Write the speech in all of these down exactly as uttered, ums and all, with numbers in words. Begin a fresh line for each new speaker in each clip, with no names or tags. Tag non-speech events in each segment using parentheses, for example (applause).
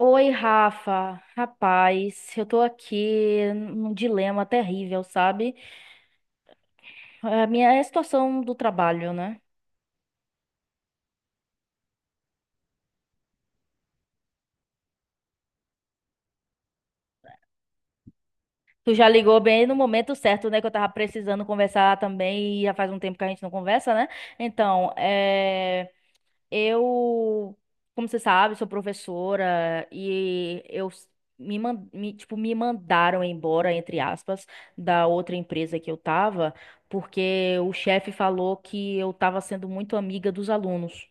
Oi, Rafa. Rapaz, eu tô aqui num dilema terrível, sabe? A minha é a situação do trabalho, né? Tu já ligou bem no momento certo, né? Que eu tava precisando conversar também e já faz um tempo que a gente não conversa, né? Então, é. Eu, como você sabe, sou professora e eu s- me, man- me, tipo, me mandaram embora, entre aspas, da outra empresa que eu tava, porque o chefe falou que eu tava sendo muito amiga dos alunos.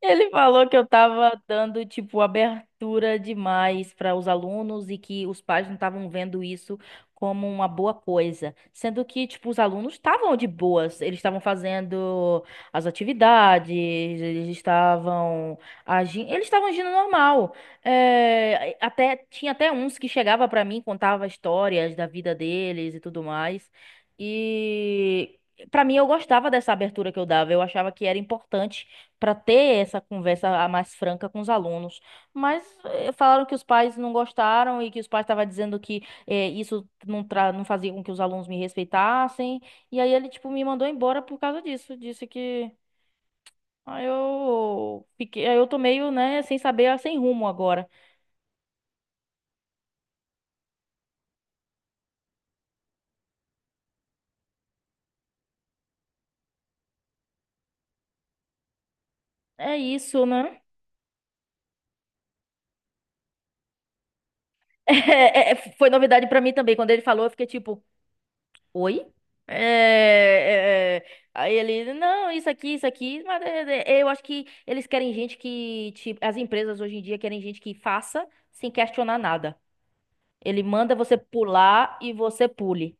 Ele falou que eu tava dando, tipo, abertura demais para os alunos e que os pais não estavam vendo isso como uma boa coisa. Sendo que, tipo, os alunos estavam de boas, eles estavam fazendo as atividades, eles estavam agindo, eles estavam agindo normal. É, até tinha até uns que chegava para mim, contava histórias da vida deles e tudo mais. E. Para mim, eu gostava dessa abertura que eu dava. Eu achava que era importante para ter essa conversa a mais franca com os alunos. Mas eh, falaram que os pais não gostaram e que os pais estavam dizendo que eh, isso não, tra não fazia com que os alunos me respeitassem. E aí ele, tipo, me mandou embora por causa disso. Disse que. Aí eu fiquei, aí eu tô meio, né, sem saber, ah, sem rumo agora. É isso, né? (laughs) É, é, foi novidade pra mim também. Quando ele falou, eu fiquei tipo. Oi? É, é, é. Aí ele, não, isso aqui, isso aqui, mas é, é, é, eu acho que eles querem gente que, tipo, as empresas hoje em dia querem gente que faça sem questionar nada. Ele manda você pular e você pule.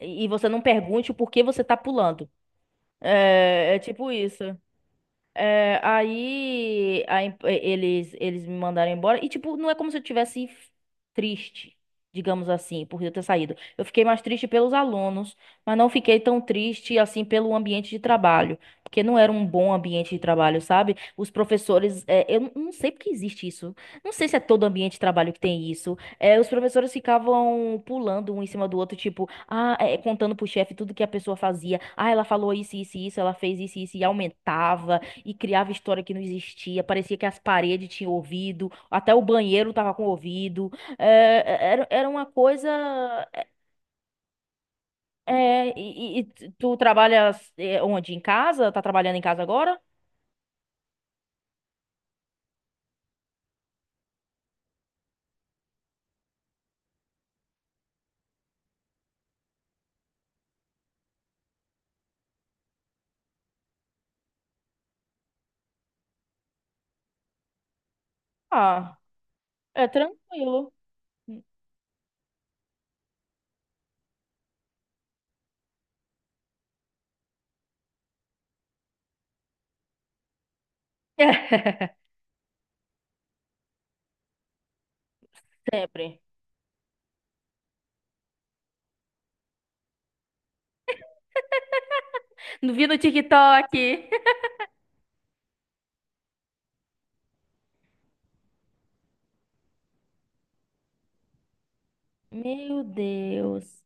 E e você não pergunte o porquê você tá pulando. É, é tipo isso. É, aí, aí eh, eles, eles me mandaram embora. E, tipo, não é como se eu tivesse f- triste, digamos assim, por eu ter saído. Eu fiquei mais triste pelos alunos, mas não fiquei tão triste, assim, pelo ambiente de trabalho. Porque não era um bom ambiente de trabalho, sabe? Os professores, é, eu n- não sei porque existe isso. Não sei se é todo ambiente de trabalho que tem isso. É, os professores ficavam pulando um em cima do outro, tipo, ah, é, é, contando pro chefe tudo que a pessoa fazia. Ah, ela falou isso, isso, isso, ela fez isso, isso, e aumentava e criava história que não existia. Parecia que as paredes tinham ouvido, até o banheiro tava com ouvido. É, é, era, era uma coisa. É, é, e, e- e tu trabalhas, é, onde? Em casa? Tá trabalhando em casa agora? Ah, é tranquilo. (laughs) Sempre. Vi no TikTok. Meu Deus.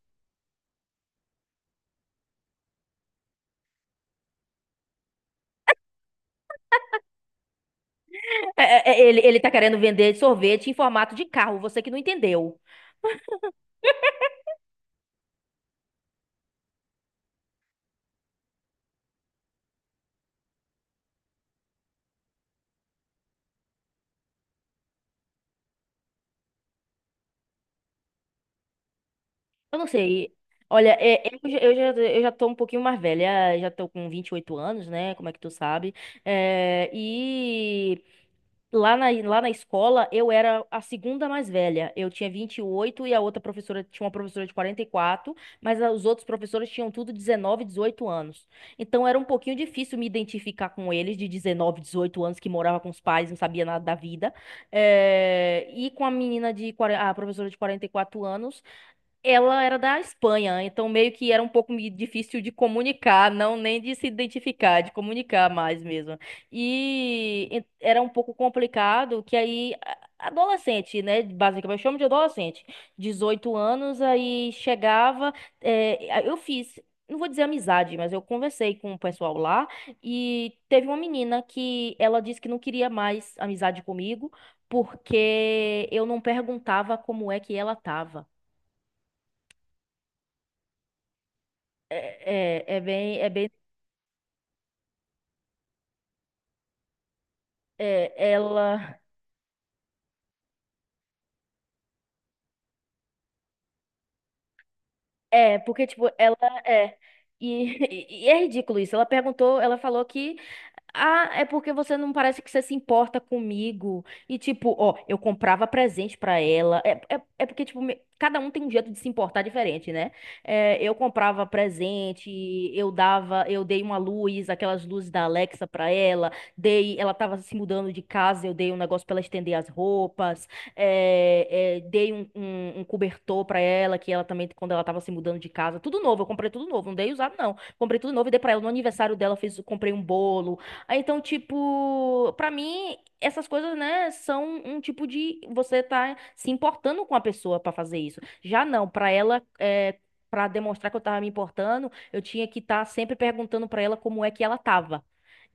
É, é, é, ele, ele tá querendo vender sorvete em formato de carro, você que não entendeu. Eu não sei. Olha, é, eu, já, eu já eu já tô um pouquinho mais velha, já tô com vinte e oito anos, né? Como é que tu sabe? É, e lá na, lá na escola eu era a segunda mais velha. Eu tinha vinte e oito e a outra professora tinha uma professora de quarenta e quatro, mas a- os outros professores tinham tudo dezenove dezoito anos. Então era um pouquinho difícil me identificar com eles de dezenove dezoito anos que morava com os pais, não sabia nada da vida. É, e com a menina de, quarenta, a professora de quarenta e quatro anos. Ela era da Espanha, então meio que era um pouco me- difícil de comunicar, não nem de se identificar, de comunicar mais mesmo. E en- era um pouco complicado que aí a- adolescente, né, basicamente, eu chamo de adolescente, dezoito anos, aí chegava, é, a- eu fiz, não vou dizer amizade, mas eu conversei com o pessoal lá e teve uma menina que ela disse que não queria mais amizade comigo porque eu não perguntava como é que ela tava. É, é, é bem, é bem, é, ela, é, porque, tipo, ela é, e, (laughs) e é ridículo isso. Ela perguntou, ela falou que: "Ah, é porque você não parece que você se importa comigo." E tipo, ó, eu comprava presente pra ela. É, é, é porque, tipo, me- cada um tem um jeito de se importar diferente, né? É, eu comprava presente, eu dava, eu dei uma luz, aquelas luzes da Alexa pra ela. Dei, ela tava se mudando de casa, eu dei um negócio pra ela estender as roupas. É, é, dei um, um, um cobertor pra ela, que ela também, quando ela tava se mudando de casa, tudo novo, eu comprei tudo novo, não dei usado, não. Comprei tudo novo e dei pra ela. No aniversário dela, fiz, comprei um bolo. Ah, então, tipo, pra mim, essas coisas, né, são um tipo de você tá se importando com a pessoa pra fazer isso. Já não, pra ela é: pra demonstrar que eu tava me importando, eu tinha que estar sempre perguntando pra ela como é que ela tava.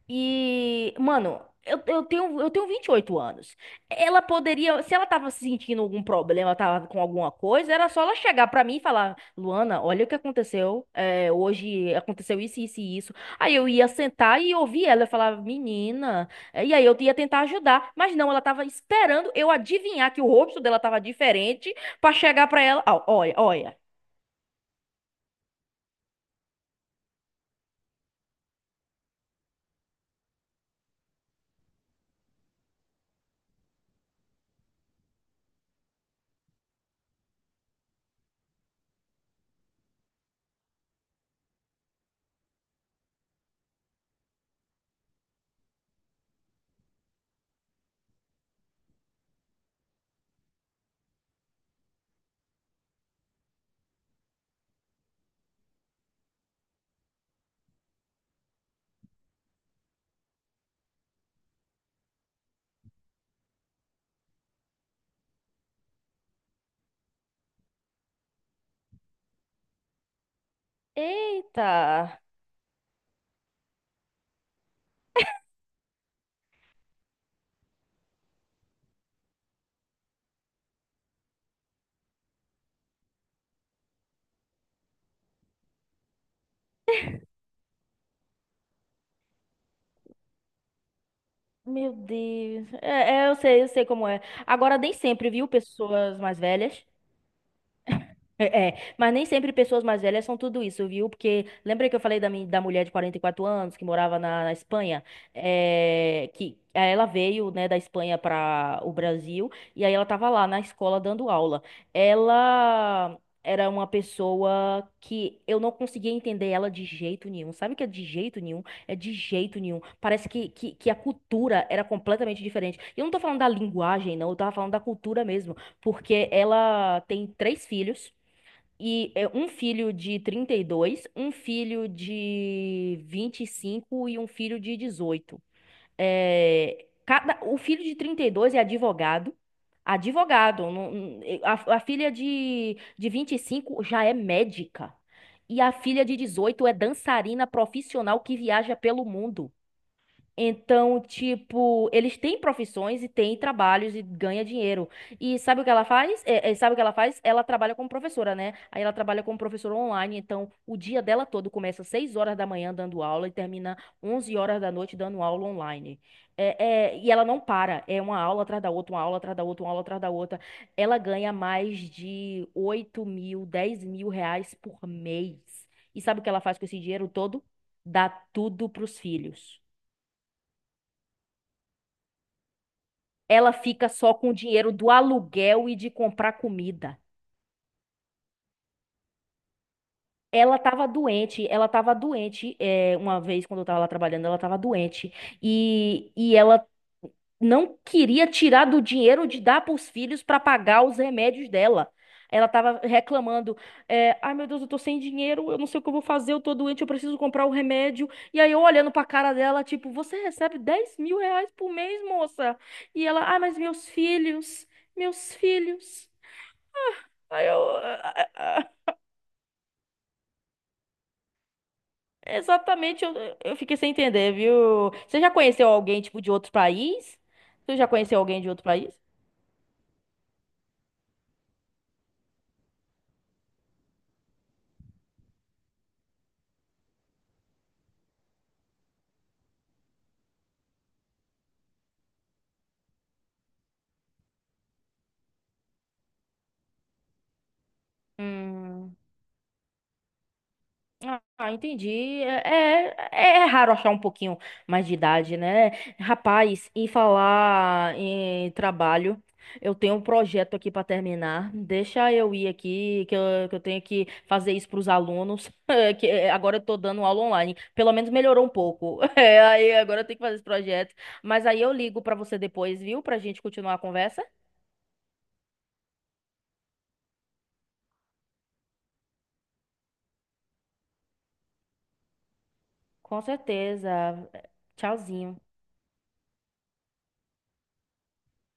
E, mano, eu, eu tenho, eu tenho vinte e oito anos. Ela poderia, se ela tava se sentindo algum problema, ela tava com alguma coisa, era só ela chegar pra mim e falar: "Luana, olha o que aconteceu, é, hoje aconteceu isso, isso e isso." Aí eu ia sentar e ouvir ela. Eu falava: "Menina, é", e aí eu ia tentar ajudar. Mas não, ela tava esperando eu adivinhar que o rosto dela tava diferente pra chegar pra ela: "Ó, olha, olha." Eita. Meu Deus. É, é, eu sei, eu sei como é. Agora, nem sempre, viu, pessoas mais velhas. É, é. Mas nem sempre pessoas mais velhas são tudo isso, viu? Porque lembra que eu falei da, mi- da mulher de quarenta e quatro anos que morava na, na Espanha? É, que aí ela veio, né, da Espanha para o Brasil e aí ela tava lá na escola dando aula. Ela era uma pessoa que eu não conseguia entender ela de jeito nenhum. Sabe o que é de jeito nenhum? É de jeito nenhum. Parece que, que, que a cultura era completamente diferente. E eu não tô falando da linguagem, não, eu tava falando da cultura mesmo, porque ela tem três filhos e é um filho de trinta e dois, um filho de vinte e cinco e cinco e um filho de dezoito. É, cada, o filho de trinta e dois é advogado. Advogado. Não- não- a, a filha de, de vinte e cinco já é médica. E a filha de dezoito é dançarina profissional, que viaja pelo mundo. Então, tipo, eles têm profissões e têm trabalhos e ganha dinheiro. E sabe o que ela faz? É, é, sabe o que ela faz? Ela trabalha como professora, né? Aí ela trabalha como professora online, então o dia dela todo começa às seis horas da manhã dando aula e termina onze horas da noite dando aula online. É, é, e ela não para, é uma aula atrás da outra, uma aula atrás da outra, uma aula atrás da outra. Ela ganha mais de oito mil, dez mil reais por mês. E sabe o que ela faz com esse dinheiro todo? Dá tudo pros filhos. Ela fica só com o dinheiro do aluguel e de comprar comida. Ela tava doente, ela tava doente, é, uma vez quando eu tava lá trabalhando, ela tava doente. E, e ela não queria tirar do dinheiro de dar para os filhos para pagar os remédios dela. Ela tava reclamando, é, ai meu Deus, eu tô sem dinheiro, eu não sei o que eu vou fazer, eu tô doente, eu preciso comprar o remédio. E aí eu olhando pra cara dela, tipo: "Você recebe dez mil reais por mês, moça?" E ela: "Ai, mas meus filhos, meus filhos." Aí eu, ah, ah, ah, Exatamente, eu, eu fiquei sem entender, viu? Você já conheceu alguém, tipo, de outro país? Tu já conheceu alguém de outro país? Hum. Ah, entendi. É, é, é raro achar um pouquinho mais de idade, né? Rapaz, em falar em trabalho, eu tenho um projeto aqui para terminar. Deixa eu ir aqui, que eu, que eu tenho que fazer isso para os alunos. (laughs) Eh, Que eh, agora eu tô dando aula online. Pelo menos melhorou um pouco. (laughs) É, aí agora eu tenho que fazer esse projeto. Mas aí eu ligo para você depois, viu? Pra gente continuar a conversa. Com certeza. Tchauzinho.